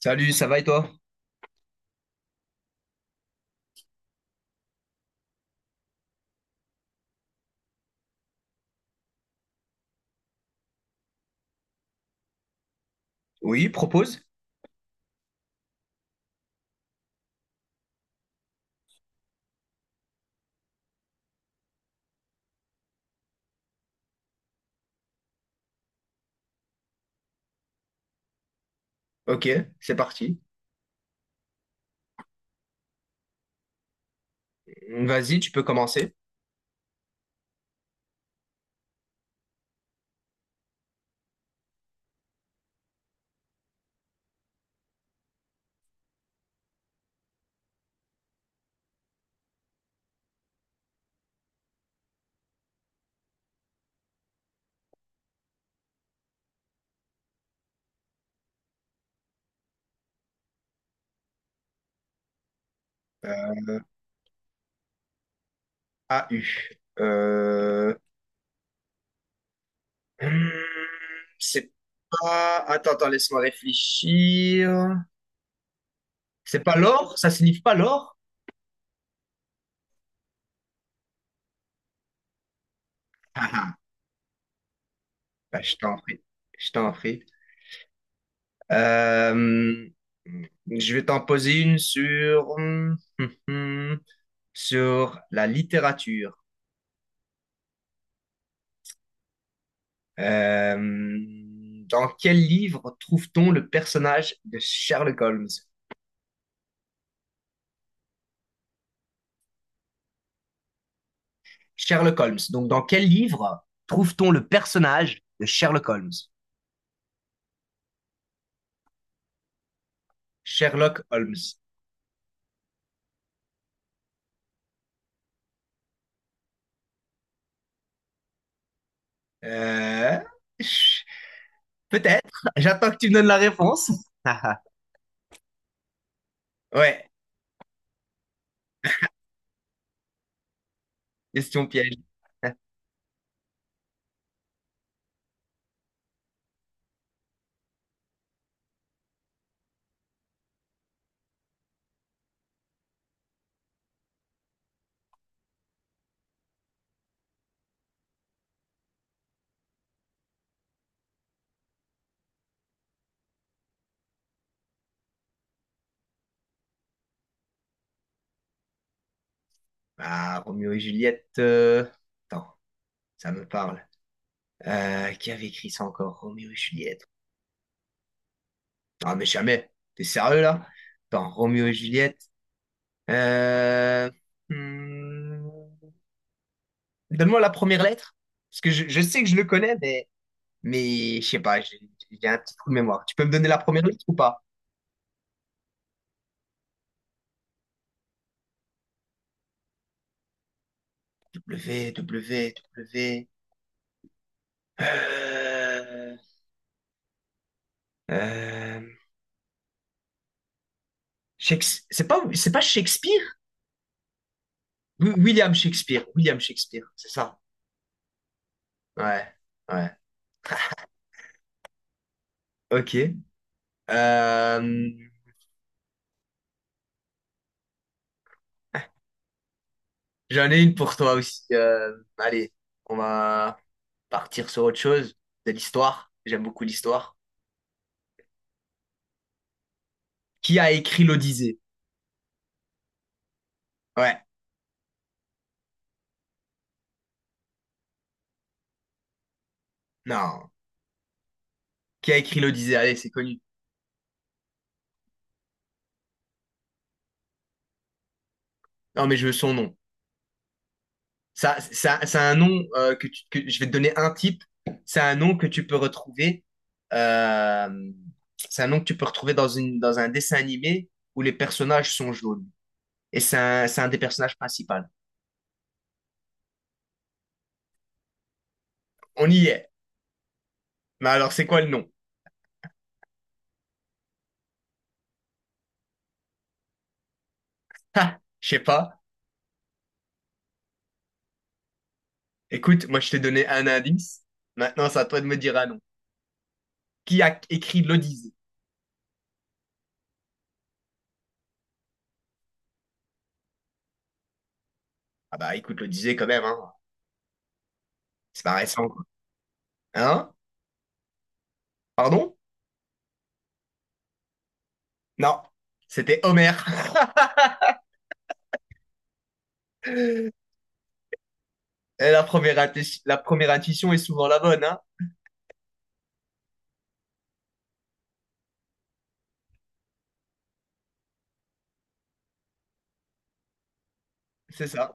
Salut, ça va et toi? Oui, propose. Ok, c'est parti. Vas-y, tu peux commencer. AU. Euh... hmm, C'est pas... Attends, laisse-moi réfléchir. C'est pas l'or? Ça signifie pas l'or? Ah, ah, bah, je t'en prie. Je t'en prie. Euh, Je vais t'en poser une sur sur la littérature. Euh, dans quel livre trouve-t-on le personnage de Sherlock Holmes? Sherlock Holmes. Donc, dans quel livre trouve-t-on le personnage de Sherlock Holmes? Sherlock Holmes. Euh, ch- peut-être. J'attends que tu me donnes la réponse. Ouais, question piège. Ah, Roméo et Juliette. Attends, ça me parle. Qui avait écrit ça encore? Roméo et Juliette. Ah, mais jamais. T'es sérieux là? Attends, Roméo et Juliette. Euh, hmm, donne-moi la première lettre, parce que je sais que je le connais, mais je sais pas, j'ai un petit trou de mémoire. Tu peux me donner la première lettre ou pas? W, W, W. Euh, euh, Shakes- c'est pas Shakespeare? Wi- William Shakespeare, William Shakespeare, c'est ça. Ouais, ouais. Ok. Euh, j'en ai une pour toi aussi. Allez, on va partir sur autre chose, de l'histoire. J'aime beaucoup l'histoire. Qui a écrit l'Odyssée? Ouais, non. Qui a écrit l'Odyssée? Allez, c'est connu. Non, mais je veux son nom. Ça, c'est un nom que je vais te donner un type. C'est un nom que tu peux retrouver. euh, c'est un nom que tu peux retrouver dans une, dans un dessin animé où les personnages sont jaunes. Et c'est un des personnages principaux. On y est. Mais alors, c'est quoi le nom? Ha, je sais pas. Écoute, moi, je t'ai donné un indice. Maintenant, c'est à toi de me dire un nom. Qui a écrit l'Odyssée? Ah bah, écoute, l'Odyssée quand même, hein. C'est pas récent, quoi. Hein? Pardon? Non, c'était Homer. Et la première, inti, la première intuition est souvent la bonne, hein? C'est ça.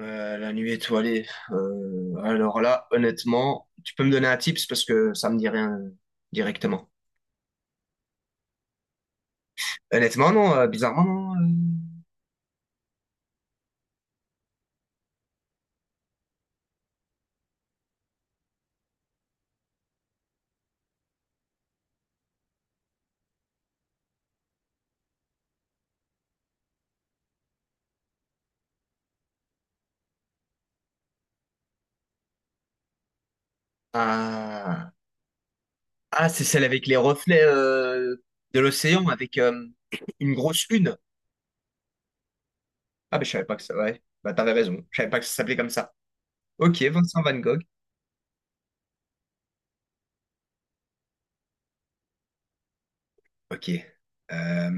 La nuit étoilée. Alors là, honnêtement, tu peux me donner un tips parce que ça me dit rien directement. Honnêtement, non, bizarrement, non. Ah, ah c'est celle avec les reflets de l'océan, avec une grosse lune. Ah, ben je savais pas que ça, ouais. Bah, t'avais raison. Je savais pas que ça s'appelait comme ça. Ok, Vincent Van Gogh. Ok. Euh,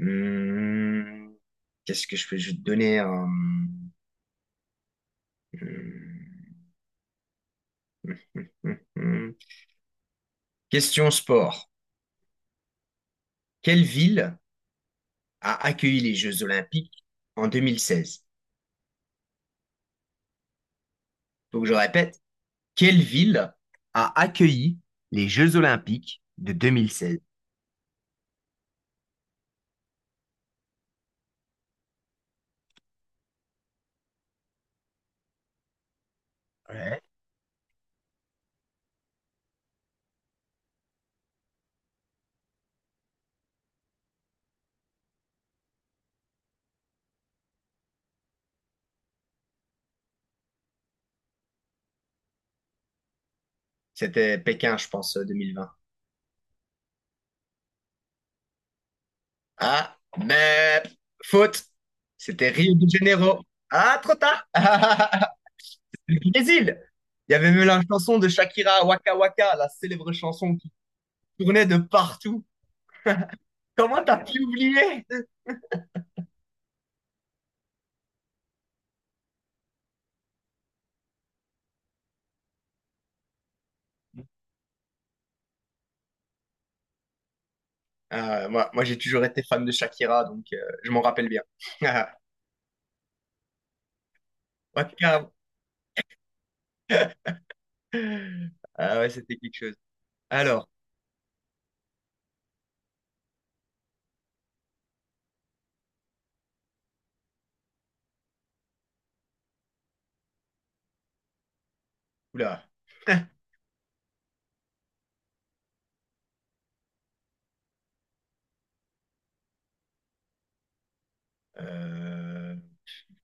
Hum, qu'est-ce que je peux? Je vais te donner un... hum, hum, hum. Question sport. Quelle ville a accueilli les Jeux Olympiques en 2016? Donc je répète, quelle ville a accueilli les Jeux Olympiques de 2016? Ouais. C'était Pékin, je pense, 2020. Ah, mais faute. C'était Rio de Janeiro. Ah, trop tard. Le Brésil. Il y avait même la chanson de Shakira, Waka Waka, la célèbre chanson qui tournait de partout. Comment t'as pu oublier? Moi, j'ai toujours été fan de Shakira, je m'en rappelle bien. Waka. Ah ouais, c'était quelque chose. Alors, oula, euh,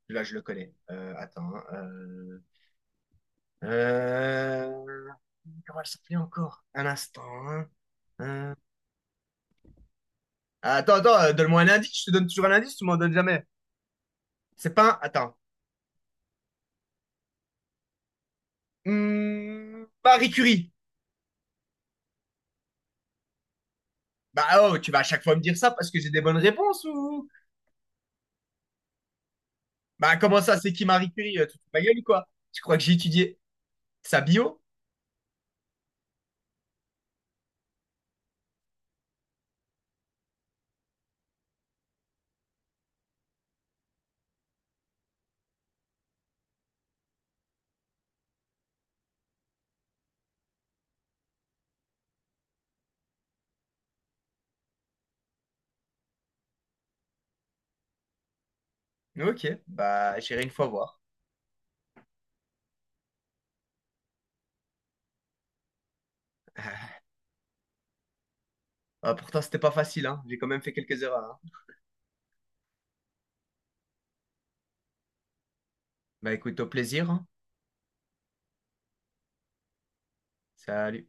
là, je le connais. Attends. Hein, euh, comment elle s'appelait encore? Un instant. Hein. Euh, attends, donne-moi un indice. Je te donne toujours un indice, tu m'en donnes jamais. C'est pas un... Attends. Hmm, Marie Curie. Bah oh, tu vas à chaque fois me dire ça parce que j'ai des bonnes réponses ou... Bah comment ça, c'est qui Marie Curie? Tu te fous de ma gueule ou quoi? Tu crois que j'ai étudié sa bio? Ok, bah j'irai une fois voir. Ah, pourtant, c'était pas facile, hein. J'ai quand même fait quelques erreurs. Hein. Bah écoute, au plaisir. Hein. Salut.